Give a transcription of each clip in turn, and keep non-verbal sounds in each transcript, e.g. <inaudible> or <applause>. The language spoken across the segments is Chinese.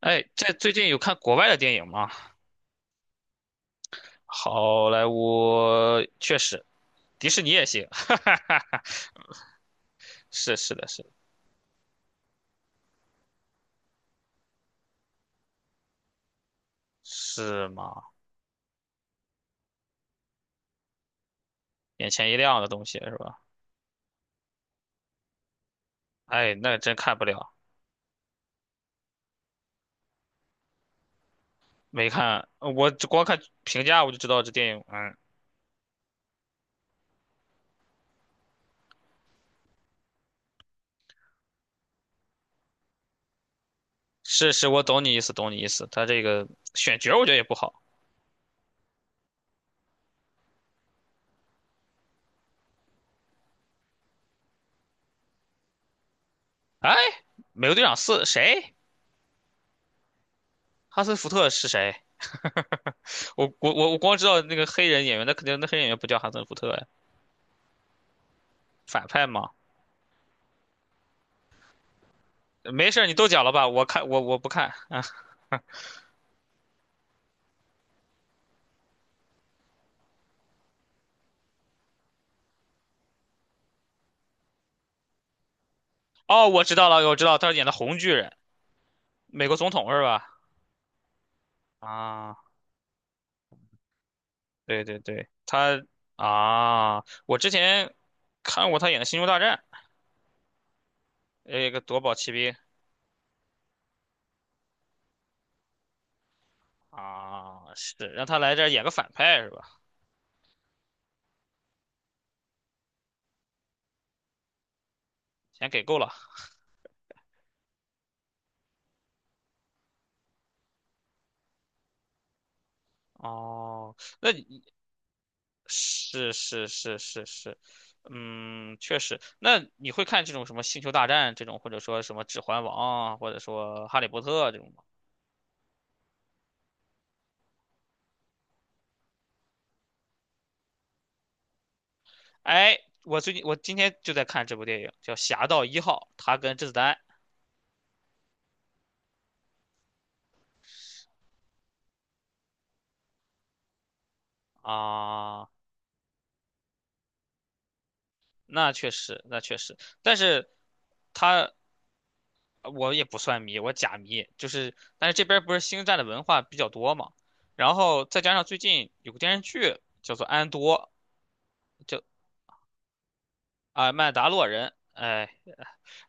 哎，在最近有看国外的电影吗？好莱坞确实，迪士尼也行，<laughs> 哈哈哈哈，是是的是。是吗？眼前一亮的东西是吧？哎，那真看不了，没看，我光看评价我就知道这电影，嗯，是，我懂你意思，懂你意思。他这个选角我觉得也不好。哎，美国队长四谁？哈森福特是谁？<laughs> 我光知道那个黑人演员，那肯定那黑人演员不叫哈森福特呀，反派嘛。没事儿，你都讲了吧？我看我不看啊。哦，我知道了，我知道，他演的红巨人，美国总统是吧？啊，对对对，他啊，我之前看过他演的《星球大战》，有一个夺宝奇兵啊，是让他来这儿演个反派是吧？钱给够了哦，那你是，嗯，确实。那你会看这种什么《星球大战》这种，或者说什么《指环王》啊，或者说《哈利波特》这种吗？哎，我最近我今天就在看这部电影，叫《侠盗一号》，他跟甄子丹啊，那确实，那确实，但是他我也不算迷，我假迷，就是但是这边儿不是星战的文化比较多嘛，然后再加上最近有个电视剧叫做《安多》，就啊《曼达洛人》，哎，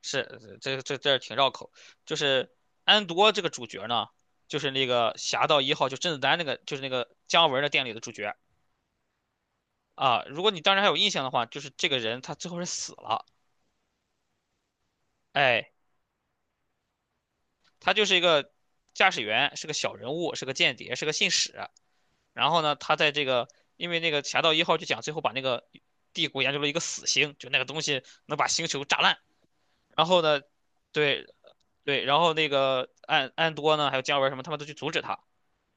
是这挺绕口，就是安多这个主角呢，就是那个《侠盗一号》，就甄子丹那个，就是那个姜文的电影里的主角。啊，如果你当时还有印象的话，就是这个人他最后是死了，哎，他就是一个驾驶员，是个小人物，是个间谍，是个信使。然后呢，他在这个因为那个《侠盗一号》就讲最后把那个帝国研究了一个死星，就那个东西能把星球炸烂。然后呢，对对，然后那个安多呢，还有姜文什么，他们都去阻止他。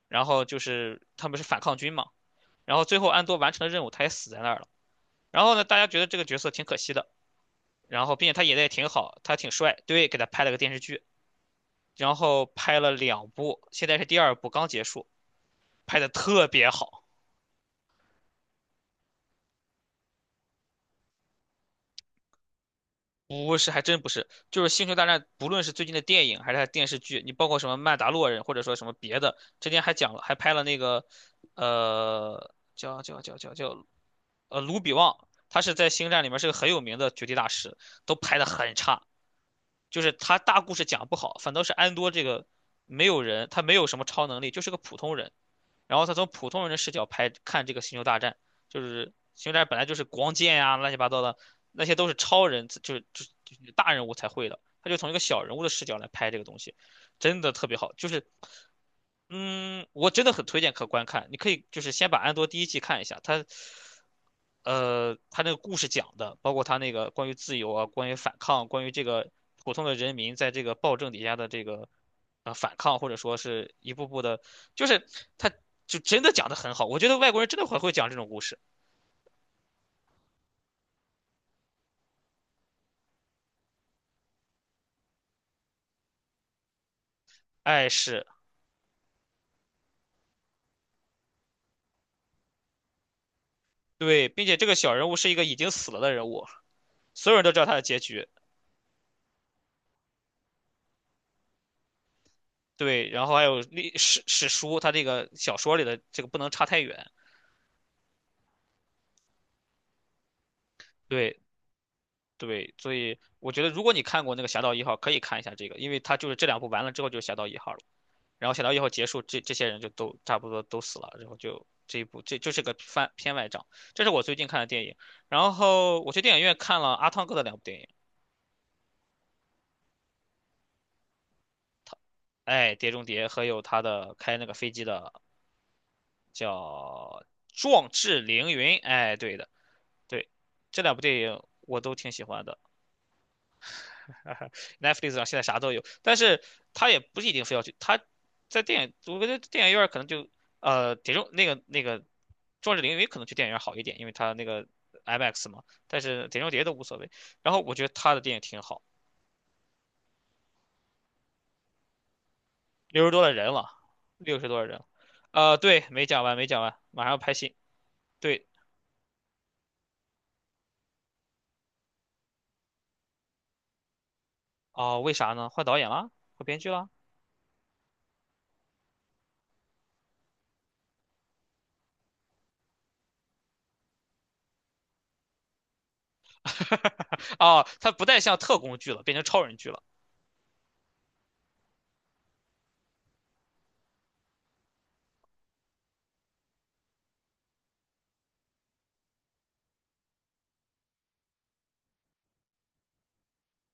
然后就是他们是反抗军嘛。然后最后安多完成了任务，他也死在那儿了。然后呢，大家觉得这个角色挺可惜的。然后并且他演的也挺好，他挺帅，对，给他拍了个电视剧，然后拍了两部，现在是第二部刚结束，拍的特别好。不是，还真不是。就是《星球大战》，不论是最近的电影还是它电视剧，你包括什么《曼达洛人》或者说什么别的，之前还讲了，还拍了那个，叫，卢比旺，他是在《星战》里面是个很有名的绝地大师，都拍的很差。就是他大故事讲不好，反倒是安多这个没有人，他没有什么超能力，就是个普通人，然后他从普通人的视角拍看这个星球大战，就是星球大战本来就是光剑呀、乱七八糟的，那些都是超人，就是大人物才会的，他就从一个小人物的视角来拍这个东西，真的特别好。就是嗯，我真的很推荐可观看，你可以就是先把《安多》第一季看一下，它，它那个故事讲的，包括它那个关于自由啊，关于反抗，关于这个普通的人民在这个暴政底下的这个，反抗或者说是一步步的，就是它就真的讲的很好，我觉得外国人真的很会讲这种故事，哎，是对，并且这个小人物是一个已经死了的人物，所有人都知道他的结局，对，然后还有历史史书，他这个小说里的这个不能差太远。对，对，所以我觉得如果你看过那个《侠盗一号》，可以看一下这个，因为它就是这两部完了之后就是《侠盗一号》了，然后《侠盗一号》结束，这些人就都差不多都死了，然后就这一部这就是个翻片外账。这是我最近看的电影，然后我去电影院看了阿汤哥的两部电影，哎，《碟中谍》和有他的开那个飞机的叫《壮志凌云》，哎，对的，对，这两部电影我都挺喜欢的。Netflix 上现在啥都有，但是他也不是一定非要去，他在电影，我觉得电影院儿可能就铁中那个壮志凌云可能去电影院好一点，因为他那个 IMAX 嘛，但是碟中谍都无所谓。然后我觉得他的电影挺好，六十多的人了，六十多的人了对，没讲完，没讲完，马上要拍戏，对，哦，为啥呢？换导演了，换编剧哈，<laughs> 哦，他不再像特工剧了，变成超人剧了。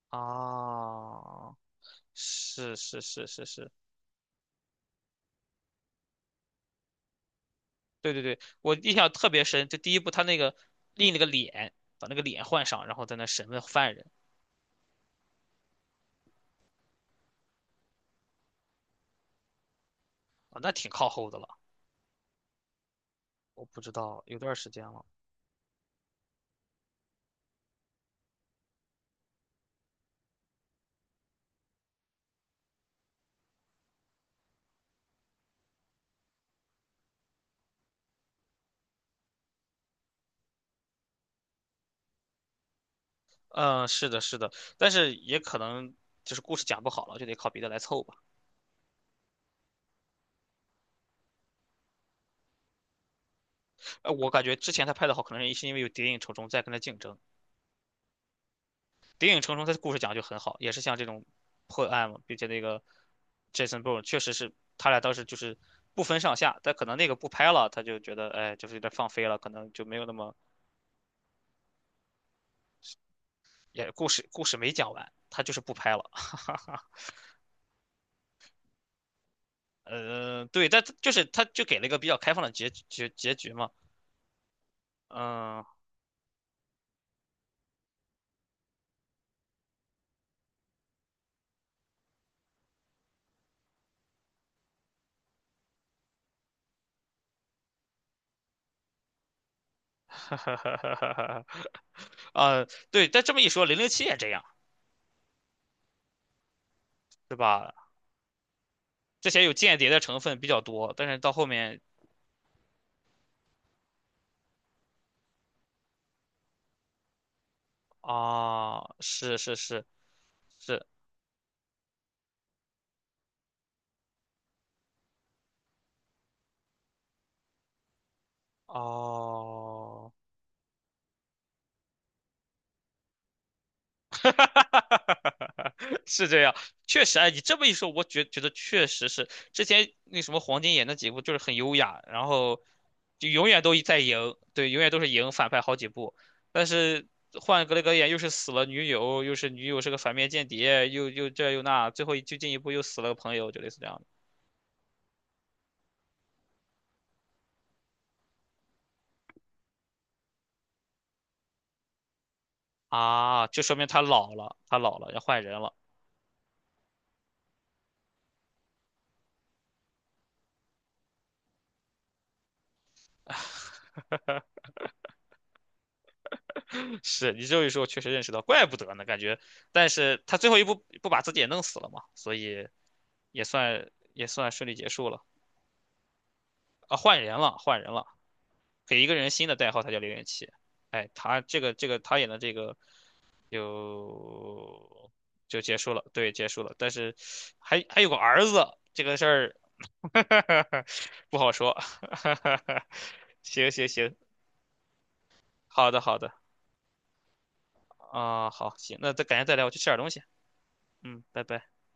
啊，是，对对对，我印象特别深，就第一部他那个立那个脸，把那个脸换上，然后在那审问犯人啊，那挺靠后的了。我不知道，有段时间了。嗯，是的，是的，但是也可能就是故事讲不好了，就得靠别的来凑吧。我感觉之前他拍的好，可能是因为有《谍影重重》在跟他竞争，《谍影重重》他的故事讲得就很好，也是像这种破案嘛，并且那个 Jason Bourne 确实是他俩当时就是不分上下，但可能那个不拍了，他就觉得哎，就是有点放飞了，可能就没有那么也故事没讲完，他就是不拍了。对，但就是他就给了一个比较开放的结局嘛。嗯，哈哈哈哈哈啊，对，但这么一说，零零七也这样，对吧？之前有间谍的成分比较多，但是到后面啊，是，哦，<laughs> 哈哈哈哈哈！是这样，确实，哎，你这么一说，我觉得确实是之前那什么黄金眼那几部就是很优雅，然后就永远都在赢，对，永远都是赢反派好几部，但是换格雷格演又是死了女友，又是女友是个反面间谍，又又这又那，最后就进一步又死了个朋友，就类似这样的啊，就说明他老了，他老了要换人了。是你这一说，确实认识到，怪不得呢，感觉。但是他最后一步不把自己也弄死了嘛，所以也算顺利结束了啊，换人了，换人了，给一个人新的代号，他叫零零七。哎，他这个他演的这个就就结束了，对，结束了。但是还有个儿子，这个事儿 <laughs> 不好说。<laughs> 行行行，好的好的啊，好行，那再改天再聊，我去吃点东西。嗯，拜拜。